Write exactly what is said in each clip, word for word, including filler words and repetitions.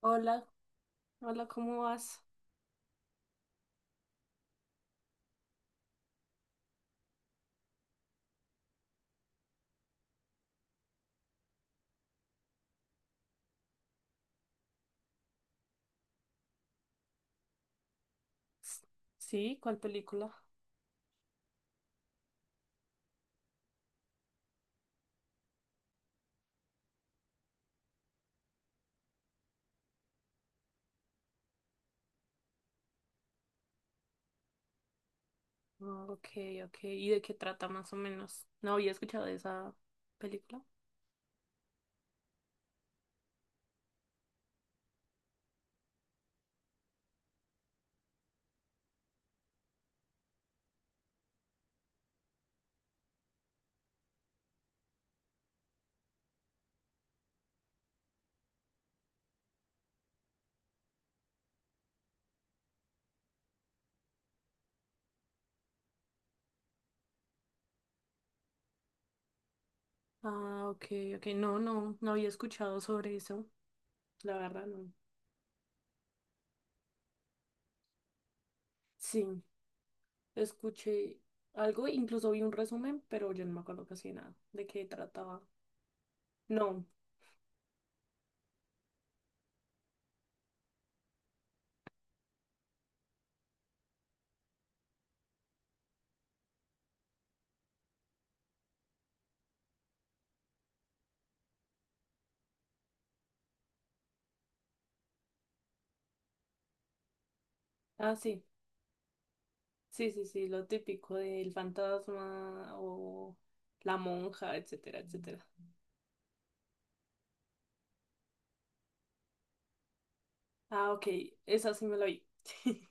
Hola, hola, ¿cómo vas? S- Sí, ¿cuál película? Ah, ok, ok. ¿Y de qué trata más o menos? No había escuchado de esa película. Ah, ok, ok. No, no, no había escuchado sobre eso. La verdad, no. Sí, escuché algo, incluso vi un resumen, pero yo no me acuerdo casi nada de qué trataba. No. Ah, sí. Sí, sí, sí, lo típico del fantasma o la monja, etcétera, etcétera. Ah, ok, esa sí me la vi.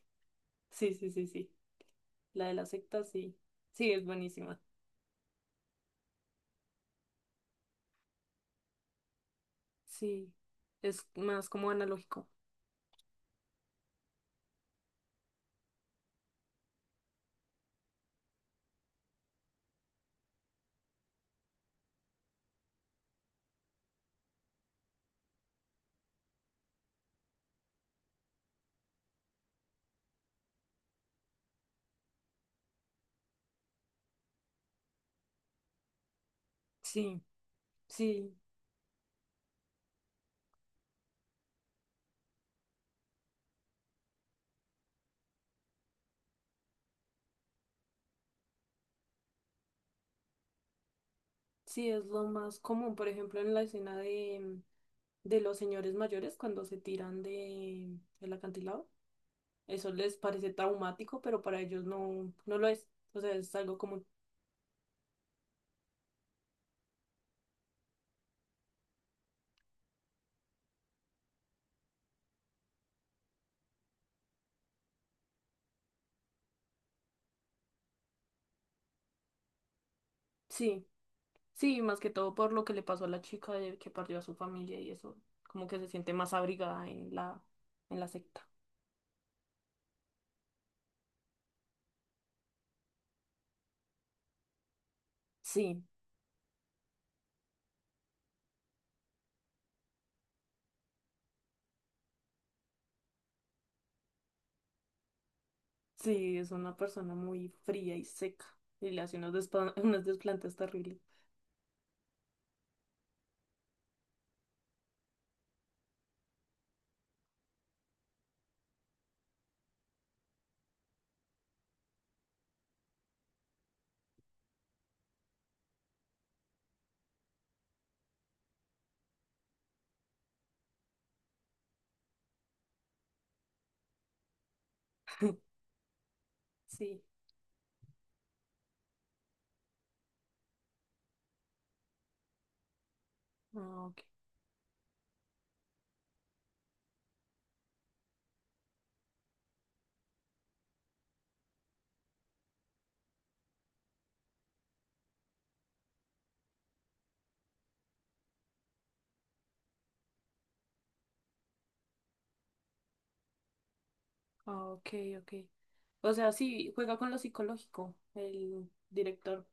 Sí, sí, sí, sí. La de la secta, sí. Sí, es buenísima. Sí, es más como analógico. Sí, sí, sí, es lo más común. Por ejemplo, en la escena de, mm, de los señores mayores cuando se tiran de, del acantilado, eso les parece traumático, pero para ellos no, no lo es. O sea, es algo común. Sí, sí, más que todo por lo que le pasó a la chica de que perdió a su familia y eso, como que se siente más abrigada en la, en la secta. Sí. Sí, es una persona muy fría y seca. Y le hace unos despa- unas desplantes terribles. Sí. Ah, ok. Ah, ok, ok. O sea, sí, juega con lo psicológico, el director.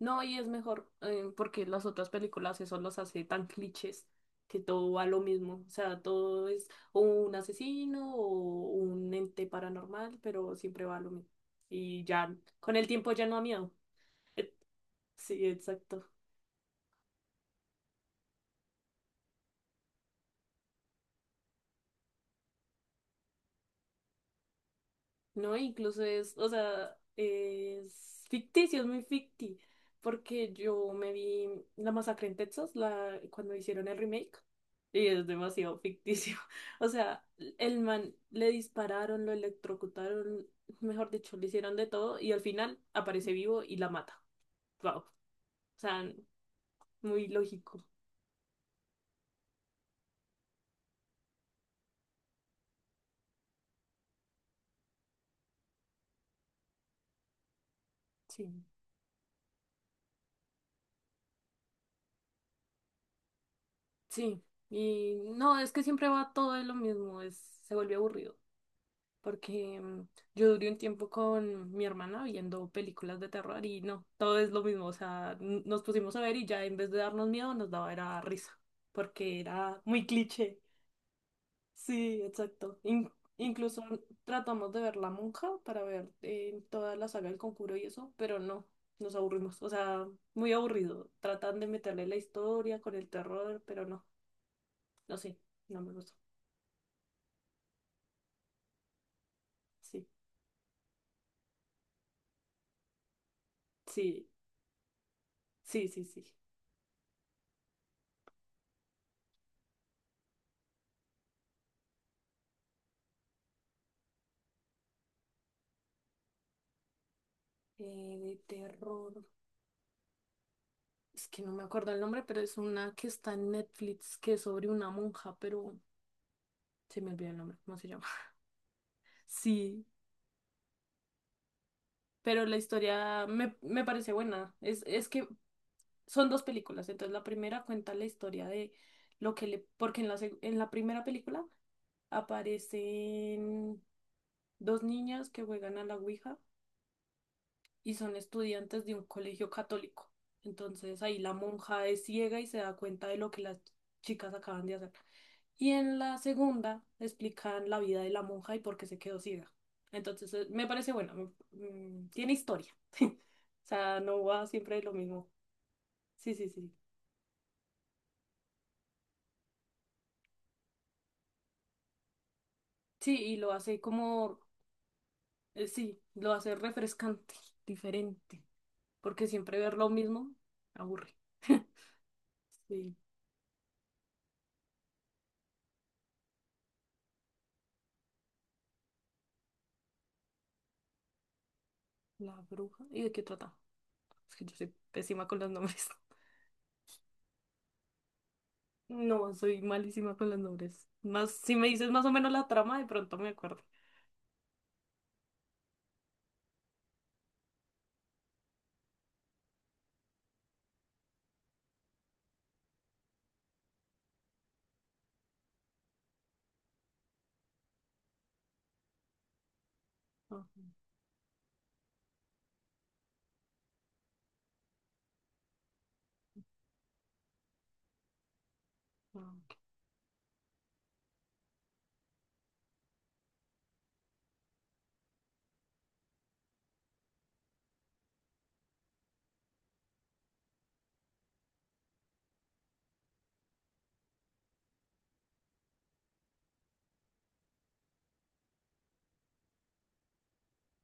No, y es mejor, eh, porque las otras películas eso los hace tan clichés que todo va a lo mismo. O sea, todo es o un asesino o un ente paranormal, pero siempre va a lo mismo. Y ya, con el tiempo ya no da miedo. Eh, Sí, exacto. No, incluso es, o sea, es ficticio, es muy ficti, porque yo me vi La Masacre en Texas, la, cuando hicieron el remake, y es demasiado ficticio. O sea, el man le dispararon, lo electrocutaron, mejor dicho, le hicieron de todo, y al final aparece vivo y la mata. Wow. O sea, muy lógico. Sí. Sí. Y no, es que siempre va todo de lo mismo, es, se vuelve aburrido. porque mm, yo duré un tiempo con mi hermana viendo películas de terror y no, todo es lo mismo, o sea, n- nos pusimos a ver y ya en vez de darnos miedo nos daba era risa, porque era muy cliché. Sí, exacto. In- incluso tratamos de ver La Monja para ver eh, toda la saga del Conjuro y eso, pero no, nos aburrimos, o sea, muy aburrido. Tratan de meterle la historia con el terror, pero no, no sé, no me gustó. Sí, sí, sí, sí, sí. Eh, de terror. Es que no me acuerdo el nombre, pero es una que está en Netflix, que es sobre una monja, pero se me olvidó el nombre, ¿cómo se llama? Sí, pero la historia me, me parece buena. Es, es que son dos películas, entonces la primera cuenta la historia de lo que le... Porque en la, seg- en la primera película aparecen dos niñas que juegan a la Ouija y son estudiantes de un colegio católico. Entonces ahí la monja es ciega y se da cuenta de lo que las chicas acaban de hacer. Y en la segunda explican la vida de la monja y por qué se quedó ciega. Entonces eh, me parece bueno, me- mm, tiene historia. O sea, no va siempre de lo mismo. Sí, sí, sí. Sí, y lo hace como, eh, sí, lo hace refrescante, diferente, porque siempre ver lo mismo aburre. Sí, la bruja. ¿Y de qué trata? Es que yo soy pésima con los nombres. No, soy malísima con los nombres. Más, si me dices más o menos la trama, de pronto me acuerdo. Ah, ah, ok.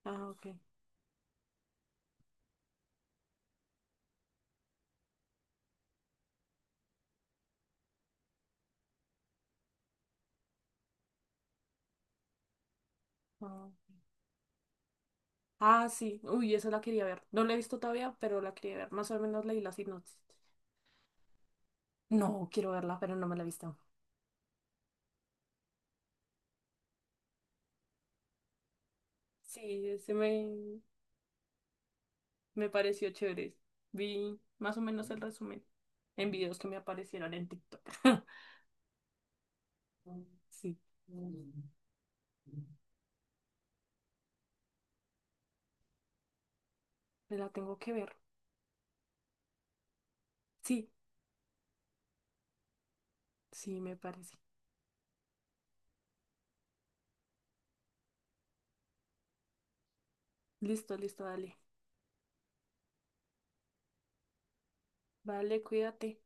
Ah, ok. Ah, ah, sí. Uy, esa la quería ver. No la he visto todavía, pero la quería ver. Más o menos leí la sinopsis. No, quiero verla, pero no me la he visto. Sí, ese me, me pareció chévere. Vi más o menos el resumen en videos que me aparecieron en TikTok. Sí, me la tengo que ver. Sí, sí, me parece. Listo, listo, dale. Vale, cuídate.